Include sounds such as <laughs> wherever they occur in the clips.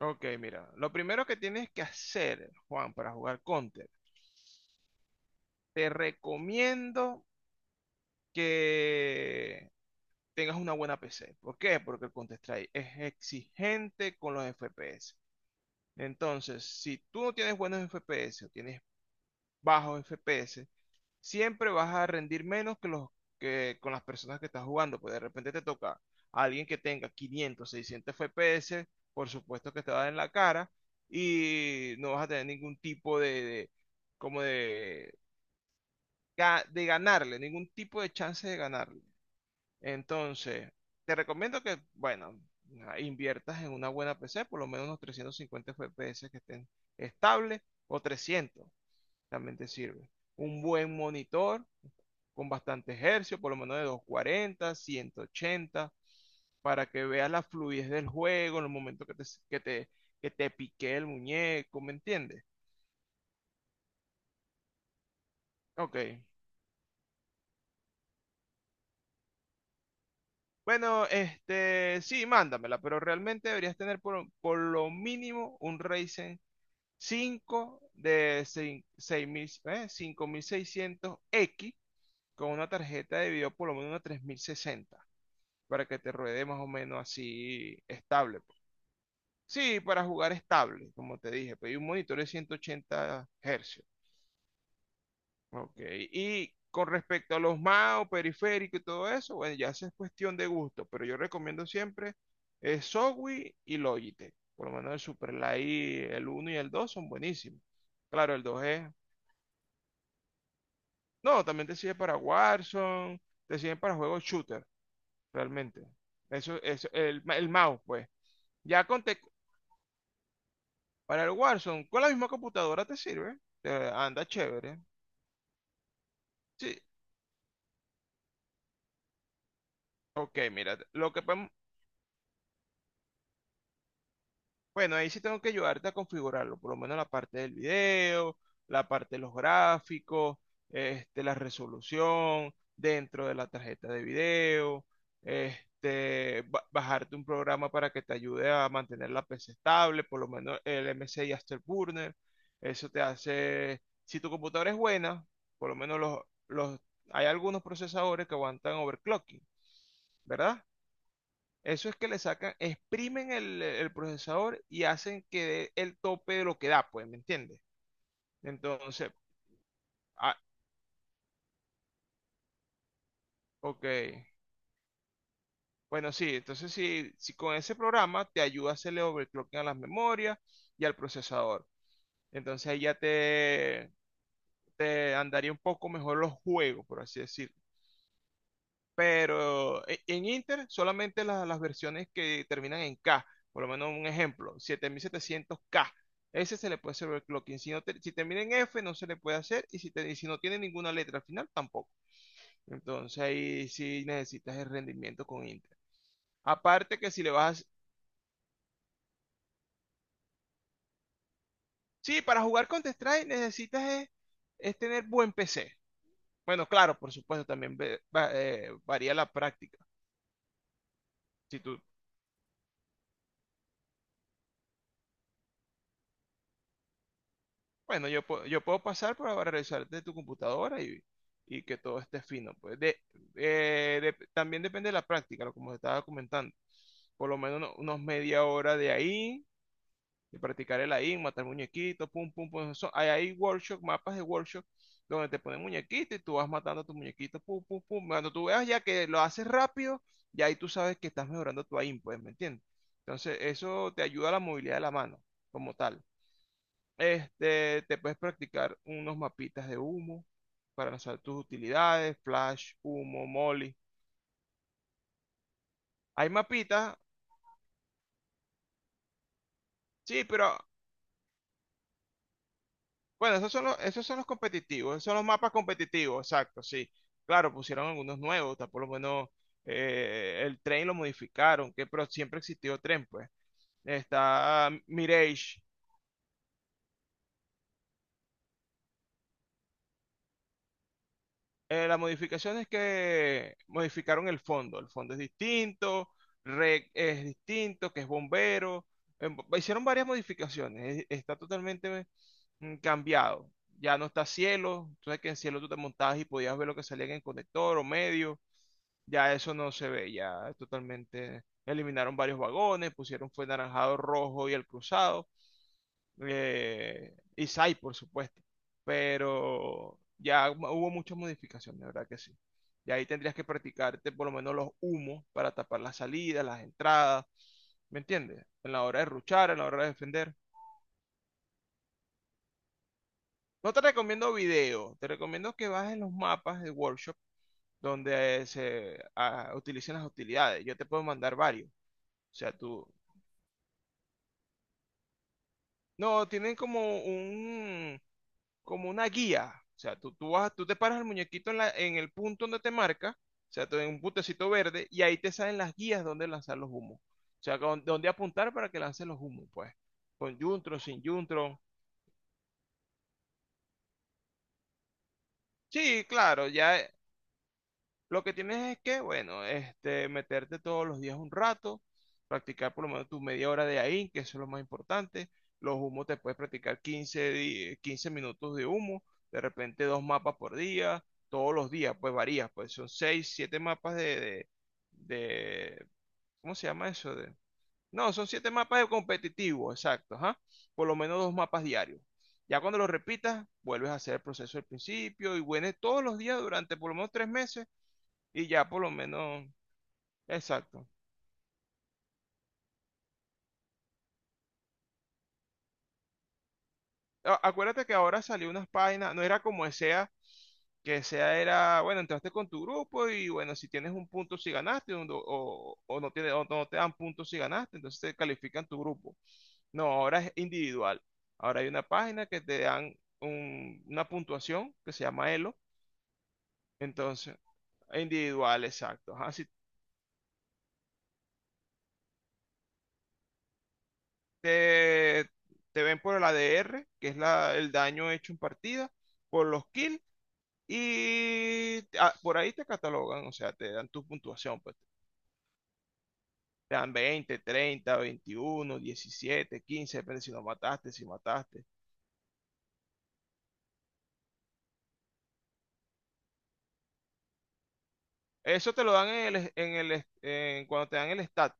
Ok, mira, lo primero que tienes que hacer, Juan, para jugar Counter, te recomiendo que tengas una buena PC. ¿Por qué? Porque el Counter-Strike es exigente con los FPS. Entonces, si tú no tienes buenos FPS o tienes bajos FPS, siempre vas a rendir menos que los que con las personas que estás jugando, pues de repente te toca a alguien que tenga 500, 600 FPS, por supuesto que te va a dar en la cara y no vas a tener ningún tipo como de, de ganarle, ningún tipo de chance de ganarle. Entonces, te recomiendo que, bueno, inviertas en una buena PC, por lo menos unos 350 FPS que estén estables o 300 realmente sirve. Un buen monitor con bastante hercio, por lo menos de 240 180 para que veas la fluidez del juego en los momentos que te, que te pique el muñeco, ¿me entiendes? Ok. Bueno, sí, mándamela, pero realmente deberías tener por lo mínimo un Ryzen 5 de seis- mil 5600X con una tarjeta de video por lo menos una 3060 para que te ruede más o menos así estable, pues. Sí, para jugar estable, como te dije, pedí un monitor de 180 Hz. Ok, y con respecto a los mouse, periférico y todo eso, bueno, ya esa es cuestión de gusto, pero yo recomiendo siempre Zowie y Logitech. Por lo menos el Superlight, el uno y el 2 son buenísimos. Claro, el 2 es, no, también te sirve para Warzone, te sirve para juegos shooter, realmente. Eso es el mouse, pues. Ya con, te- Para el Warzone, con la misma computadora te sirve. Te anda chévere. Sí. Ok, mira, bueno, ahí sí tengo que ayudarte a configurarlo, por lo menos la parte del video, la parte de los gráficos, la resolución dentro de la tarjeta de video, bajarte un programa para que te ayude a mantener la PC estable, por lo menos el MSI Afterburner. Eso te hace, si tu computadora es buena, por lo menos los, hay algunos procesadores que aguantan overclocking, ¿verdad? Eso es que le sacan, exprimen el procesador y hacen que dé el tope de lo que da, pues, ¿me entiendes? Entonces, ah, ok. Bueno, sí, entonces si con ese programa te ayuda a hacerle overclocking a las memorias y al procesador. Entonces ahí ya te andaría un poco mejor los juegos, por así decir. Pero en Inter solamente las versiones que terminan en K, por lo menos un ejemplo, 7700K, ese se le puede hacer overclocking. Si termina en F, no se le puede hacer, y si no tiene ninguna letra al final, tampoco. Entonces ahí sí necesitas el rendimiento con Inter. Aparte que si le vas a... Sí, para jugar Counter-Strike necesitas es tener buen PC. Bueno, claro, por supuesto, también varía la práctica. Si tú Bueno, yo puedo pasar para revisar de tu computadora y que todo esté fino. También depende de la práctica, lo como te estaba comentando. Por lo menos unos media hora de ahí, de practicar el ahí, matar muñequitos, pum, pum, pum. Hay workshop, mapas de workshop, donde te ponen muñequitos y tú vas matando a tus muñequitos, pum, pum, pum. Cuando tú veas ya que lo haces rápido, ya ahí tú sabes que estás mejorando tu aim, pues, ¿me entiendes? Entonces, eso te ayuda a la movilidad de la mano, como tal. Te puedes practicar unos mapitas de humo para lanzar tus utilidades, flash, humo, molly. Hay mapitas, sí, pero bueno, esos son los mapas competitivos, exacto, sí. Claro, pusieron algunos nuevos, está por lo menos el tren lo modificaron, que, pero siempre existió tren, pues. Está Mirage. La modificación es que modificaron el fondo. El fondo es distinto, rec es distinto, que es bombero. Hicieron varias modificaciones. Está totalmente cambiado. Ya no está cielo. Entonces que en cielo tú te montabas y podías ver lo que salía en el conector o medio. Ya eso no se ve. Ya totalmente eliminaron varios vagones, pusieron fue naranjado, rojo y el cruzado, Isai, por supuesto. Pero ya hubo muchas modificaciones, de verdad que sí. Y ahí tendrías que practicarte por lo menos los humos para tapar las salidas, las entradas, ¿me entiendes? En la hora de ruchar, en la hora de defender. No te recomiendo video, te recomiendo que bajes los mapas de workshop donde se utilicen las utilidades. Yo te puedo mandar varios. O sea, tú... No, tienen como un como una guía. O sea, vas, tú te paras el muñequito en, en el punto donde te marca, o sea, en un puntecito verde, y ahí te salen las guías donde lanzar los humos. O sea, donde apuntar para que lance los humos, pues. Con Juntron, sin Juntron. Sí, claro, ya. Lo que tienes es que, bueno, meterte todos los días un rato, practicar por lo menos tu media hora de ahí, que eso es lo más importante. Los humos te puedes practicar 15 minutos de humo, de repente dos mapas por día, todos los días, pues varías, pues son 6 7 mapas de- ¿cómo se llama eso? No, son 7 mapas de competitivo, exacto, ajá. Por lo menos dos mapas diarios. Ya cuando lo repitas, vuelves a hacer el proceso del principio y vuelves todos los días durante por lo menos 3 meses y ya por lo menos, exacto. Acuérdate que ahora salió unas páginas, no era como SEA, que SEA era, bueno, entraste con tu grupo y bueno, si tienes un punto si ganaste o no te dan puntos si ganaste, entonces te califican tu grupo. No, ahora es individual. Ahora hay una página que te dan una puntuación que se llama Elo. Entonces, individual, exacto. Ajá, si te, te ven por el ADR, que es la, el daño hecho en partida, por los kills. Y por ahí te catalogan, o sea, te dan tu puntuación, pues te dan 20, 30, 21, 17, 15, depende si no mataste, si mataste. Eso te lo dan cuando te dan el stat.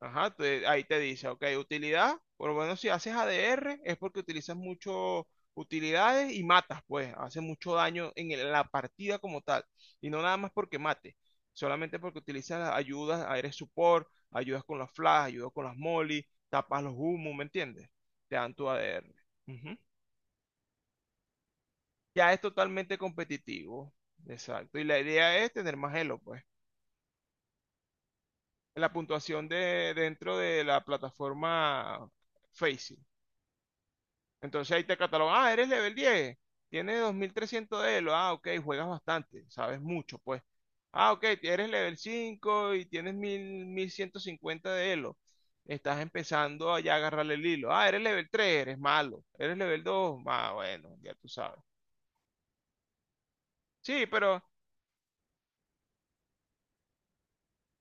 Ajá, ahí te dice, ok, utilidad, por lo menos si haces ADR es porque utilizas mucho utilidades y matas, pues, hace mucho daño en la partida como tal, y no nada más porque mate, solamente porque utilizas las ayudas, eres support, ayudas con las flash, ayudas con las molly, tapas los humos, ¿me entiendes? Te dan tu ADR. Ujú. Ya es totalmente competitivo, exacto, y la idea es tener más elo, pues. La puntuación de dentro de la plataforma Facing. Entonces ahí te catalogan, ah, eres level 10, tienes 2300 de elo, ah, ok, juegas bastante, sabes mucho, pues. Ah, ok, eres level 5 y tienes mil ciento cincuenta de elo. Estás empezando a ya agarrarle el hilo. Ah, eres level 3, eres malo. Eres level 2, ah, bueno, ya tú sabes. Sí, pero,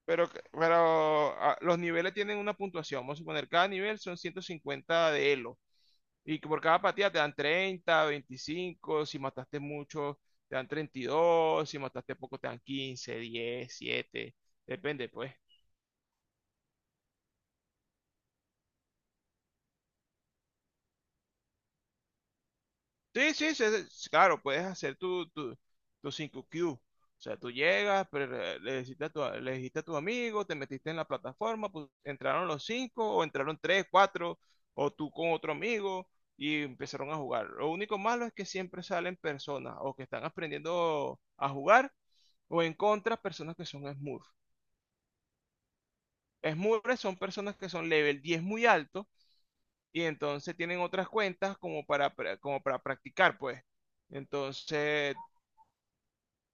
pero, pero ah, los niveles tienen una puntuación. Vamos a suponer, cada nivel son 150 de elo. Y que por cada partida te dan 30, 25, si mataste mucho te dan 32, si mataste poco te dan 15, 10, 7, depende pues. Sí, sí, sí, sí, claro, puedes hacer tu 5Q. O sea, tú llegas, le dijiste a tu amigo, te metiste en la plataforma, pues, entraron los 5 o entraron 3, 4, o tú con otro amigo y empezaron a jugar. Lo único malo es que siempre salen personas o que están aprendiendo a jugar. O en contra, personas que son Smurf. Smurfs son personas que son level 10 muy alto y entonces tienen otras cuentas como para, como para practicar, pues. Entonces,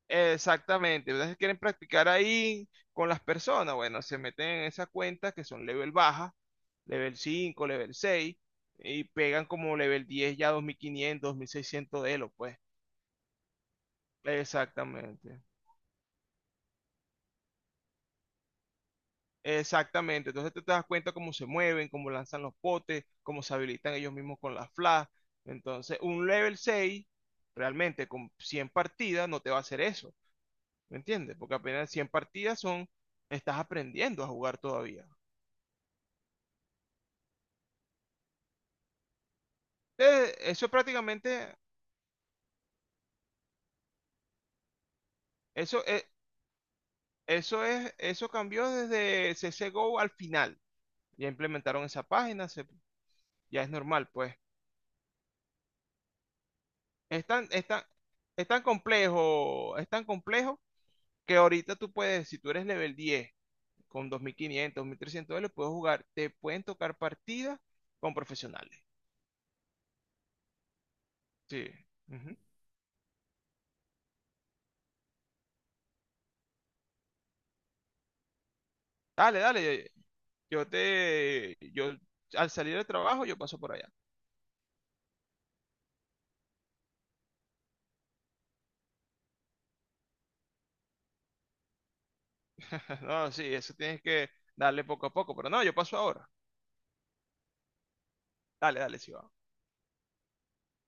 exactamente, ¿verdad? Si quieren practicar ahí con las personas, bueno, se meten en esas cuentas que son level baja, level 5, level 6 y pegan como level 10 ya 2500, 2600 de elo, pues. Exactamente. Exactamente, entonces tú te das cuenta cómo se mueven, cómo lanzan los potes, cómo se habilitan ellos mismos con las flash. Entonces, un level 6 realmente con 100 partidas, no te va a hacer eso, ¿me entiendes? Porque apenas 100 partidas son, estás aprendiendo a jugar todavía. Eso prácticamente, eso, es- eso cambió desde CSGO al final. Ya implementaron esa página, ya es normal, pues. Es tan, es tan- es tan complejo, es tan complejo que ahorita tú puedes, si tú eres level 10 con 2500, $2300, puedes jugar, te pueden tocar partidas con profesionales. Sí. Ujú. Dale, dale. Yo al salir del trabajo, yo paso por allá. <laughs> No, sí, eso tienes que darle poco a poco, pero no, yo paso ahora. Dale, dale, sí va.